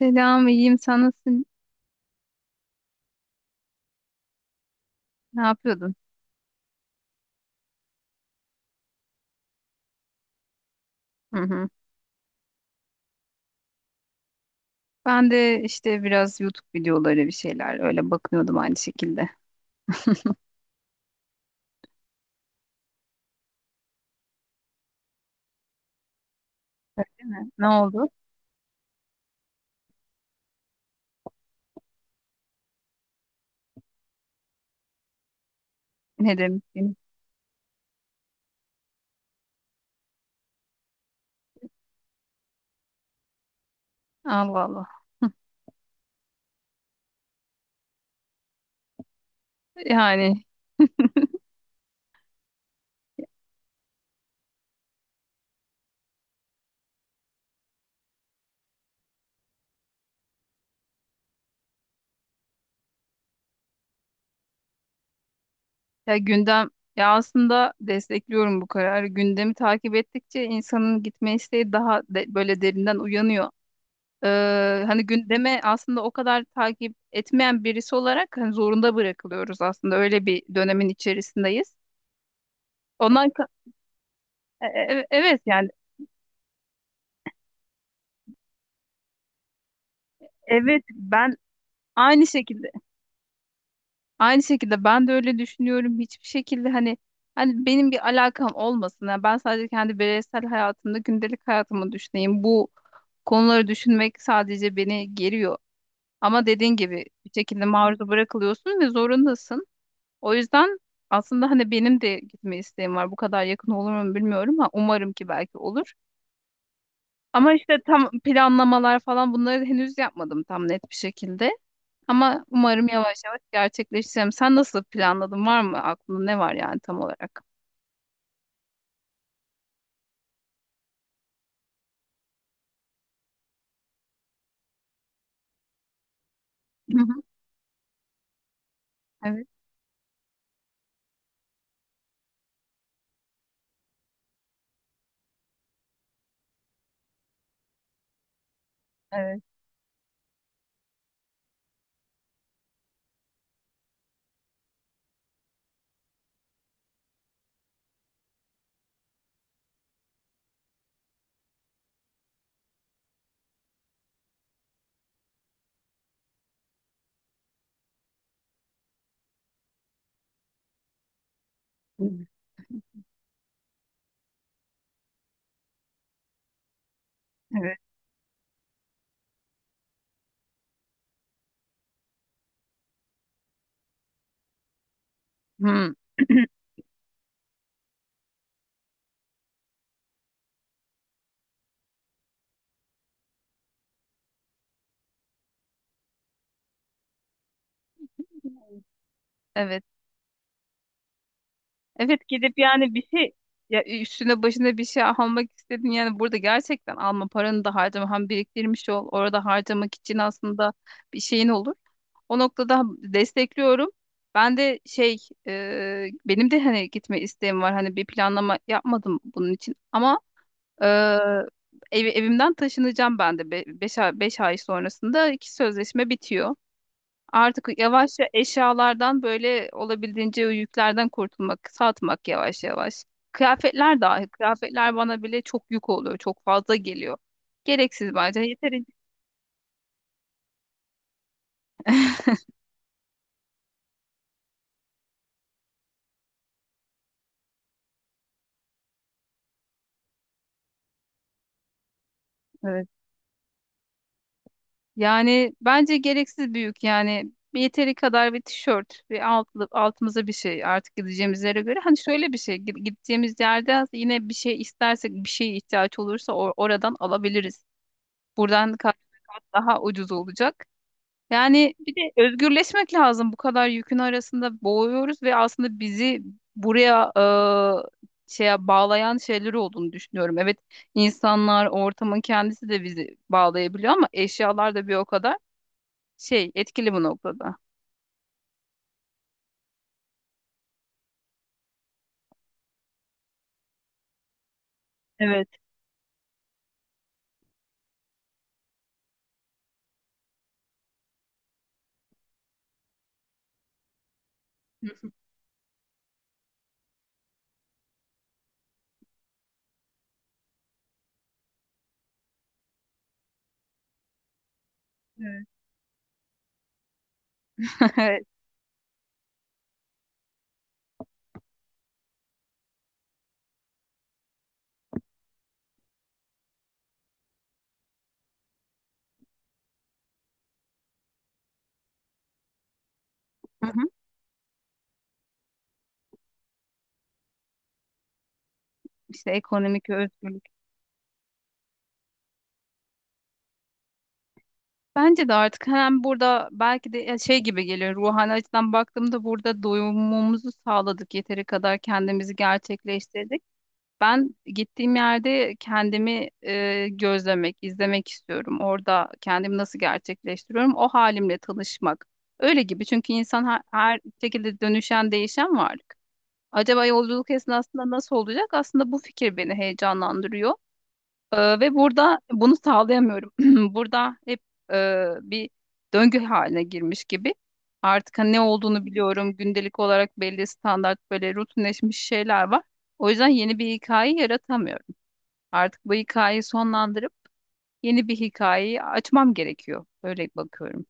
Selam, iyiyim. Sen nasılsın? Ne yapıyordun? Hı hı. Ben de işte biraz YouTube videoları bir şeyler öyle bakınıyordum aynı şekilde. Öyle mi? Ne oldu? Ne demiştin? Allah Allah. Yani ya gündem ya aslında destekliyorum bu kararı. Gündemi takip ettikçe insanın gitme isteği daha böyle derinden uyanıyor. Hani gündeme aslında o kadar takip etmeyen birisi olarak hani zorunda bırakılıyoruz aslında. Öyle bir dönemin içerisindeyiz. Ondan. Evet, yani evet, ben aynı şekilde aynı şekilde ben de öyle düşünüyorum. Hiçbir şekilde hani benim bir alakam olmasın. Yani ben sadece kendi bireysel hayatımda gündelik hayatımı düşüneyim. Bu konuları düşünmek sadece beni geriyor. Ama dediğin gibi bir şekilde maruz bırakılıyorsun ve zorundasın. O yüzden aslında hani benim de gitme isteğim var. Bu kadar yakın olur mu bilmiyorum ama umarım ki belki olur. Ama işte tam planlamalar falan bunları henüz yapmadım tam net bir şekilde. Ama umarım yavaş yavaş gerçekleşeceğim. Sen nasıl planladın? Var mı aklında, ne var yani tam olarak? Hı hı. Evet. Evet. Hı. Evet. Hı. Evet. Evet, gidip yani bir şey, ya üstüne başına bir şey almak istedin yani, burada gerçekten alma, paranı da harcama, hem biriktirmiş ol orada harcamak için, aslında bir şeyin olur. O noktada destekliyorum. Ben de benim de hani gitme isteğim var, hani bir planlama yapmadım bunun için ama Ee, evimden taşınacağım ben de. Beş ay sonrasında iki sözleşme bitiyor. Artık yavaşça eşyalardan böyle olabildiğince o yüklerden kurtulmak, satmak, yavaş yavaş. Kıyafetler dahi, kıyafetler bana bile çok yük oluyor, çok fazla geliyor. Gereksiz bence. Yeterince. Yani bence gereksiz büyük, yani bir yeteri kadar bir tişört ve altlı, altımıza bir şey artık, gideceğimiz yere göre. Hani şöyle bir şey, gideceğimiz yerde aslında yine bir şey istersek, bir şeye ihtiyaç olursa oradan alabiliriz. Buradan kat be kat daha ucuz olacak. Yani bir de özgürleşmek lazım, bu kadar yükün arasında boğuyoruz ve aslında bizi buraya, şeye bağlayan şeyler olduğunu düşünüyorum. Evet, insanlar, ortamın kendisi de bizi bağlayabiliyor ama eşyalar da bir o kadar şey etkili bu noktada. Evet. Hı. Evet. Evet. Hı hı. İşte ekonomik özgürlük. Bence de artık hem burada belki de, ya şey gibi geliyor, ruhani açıdan baktığımda burada doyumumuzu sağladık, yeteri kadar kendimizi gerçekleştirdik. Ben gittiğim yerde kendimi gözlemek, izlemek istiyorum. Orada kendimi nasıl gerçekleştiriyorum, o halimle tanışmak. Öyle gibi, çünkü insan her şekilde dönüşen, değişen varlık. Acaba yolculuk esnasında nasıl olacak? Aslında bu fikir beni heyecanlandırıyor. Ve burada bunu sağlayamıyorum. Burada hep bir döngü haline girmiş gibi. Artık hani ne olduğunu biliyorum. Gündelik olarak belli standart böyle rutinleşmiş şeyler var. O yüzden yeni bir hikaye yaratamıyorum. Artık bu hikayeyi sonlandırıp yeni bir hikayeyi açmam gerekiyor. Öyle bakıyorum.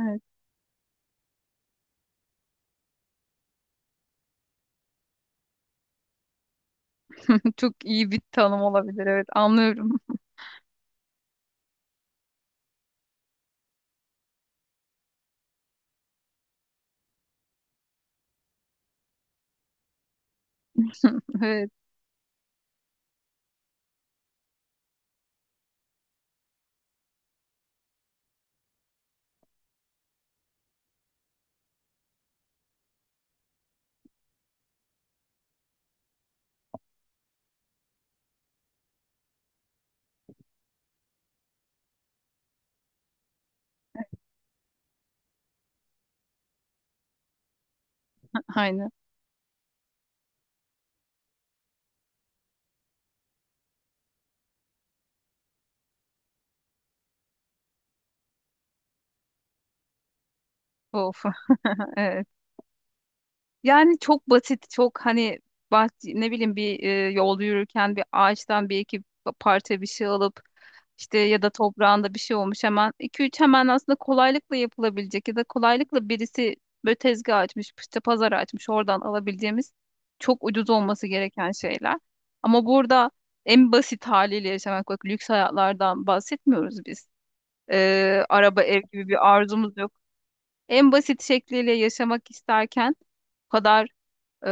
Evet. Çok iyi bir tanım olabilir. Evet, anlıyorum. Evet, aynen. Of. Evet. Yani çok basit, çok hani, bah ne bileyim, bir yolda yürürken bir ağaçtan bir iki parça bir şey alıp, işte ya da toprağında bir şey olmuş hemen iki üç, hemen aslında kolaylıkla yapılabilecek ya da kolaylıkla birisi böyle tezgah açmış, işte pazar açmış, oradan alabileceğimiz çok ucuz olması gereken şeyler. Ama burada en basit haliyle yaşamak, bak lüks hayatlardan bahsetmiyoruz biz. Araba, ev gibi bir arzumuz yok. En basit şekliyle yaşamak isterken kadar, e,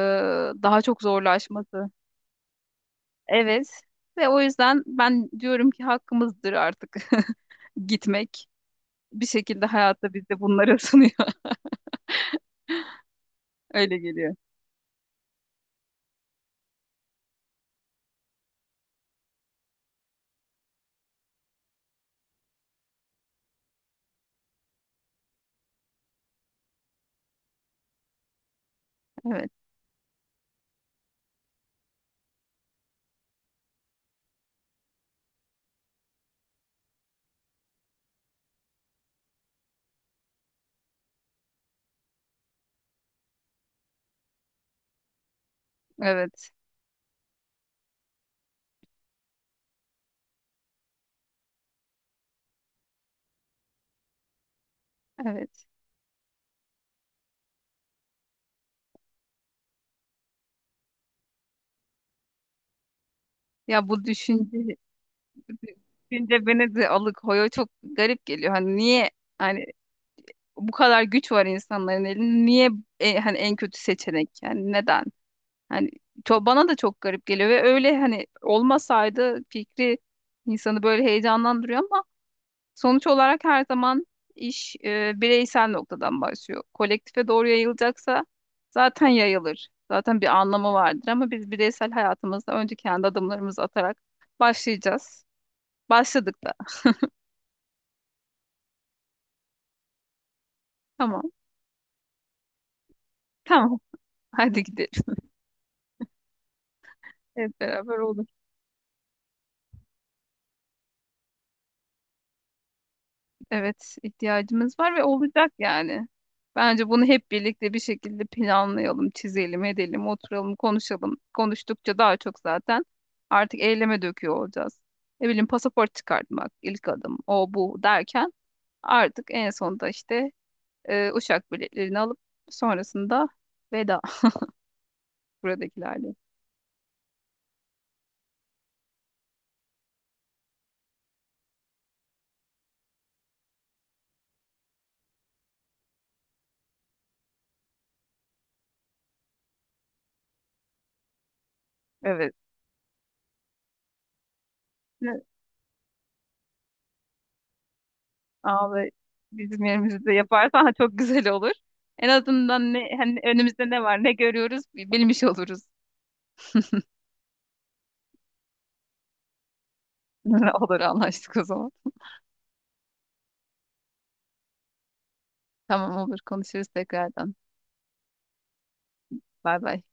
daha çok zorlaşması. Evet. Ve o yüzden ben diyorum ki hakkımızdır artık gitmek. Bir şekilde hayatta bize bunları sunuyor. Öyle geliyor. Evet. Evet. Evet. Ya bu düşünce beni de alıkoyuyor. Çok garip geliyor. Hani niye, hani bu kadar güç var insanların elinde. Niye hani en kötü seçenek? Yani neden? Hani çok, bana da çok garip geliyor ve öyle hani olmasaydı fikri insanı böyle heyecanlandırıyor ama sonuç olarak her zaman iş bireysel noktadan başlıyor. Kolektife doğru yayılacaksa zaten yayılır. Zaten bir anlamı vardır ama biz bireysel hayatımızda önce kendi adımlarımızı atarak başlayacağız. Başladık da. Tamam. Tamam. Hadi gidelim. Hep beraber olur. Evet, ihtiyacımız var ve olacak yani. Bence bunu hep birlikte bir şekilde planlayalım, çizelim, edelim, oturalım, konuşalım. Konuştukça daha çok zaten artık eyleme döküyor olacağız. Ne bileyim, pasaport çıkartmak ilk adım, o bu derken artık en sonunda işte, uçak biletlerini alıp sonrasında veda buradakilerle. Evet. Ne- Abi bizim yerimizde yaparsan çok güzel olur. En azından ne, hani önümüzde ne var, ne görüyoruz bilmiş oluruz. Olur, anlaştık o zaman. Tamam, olur, konuşuruz tekrardan. Bay bay.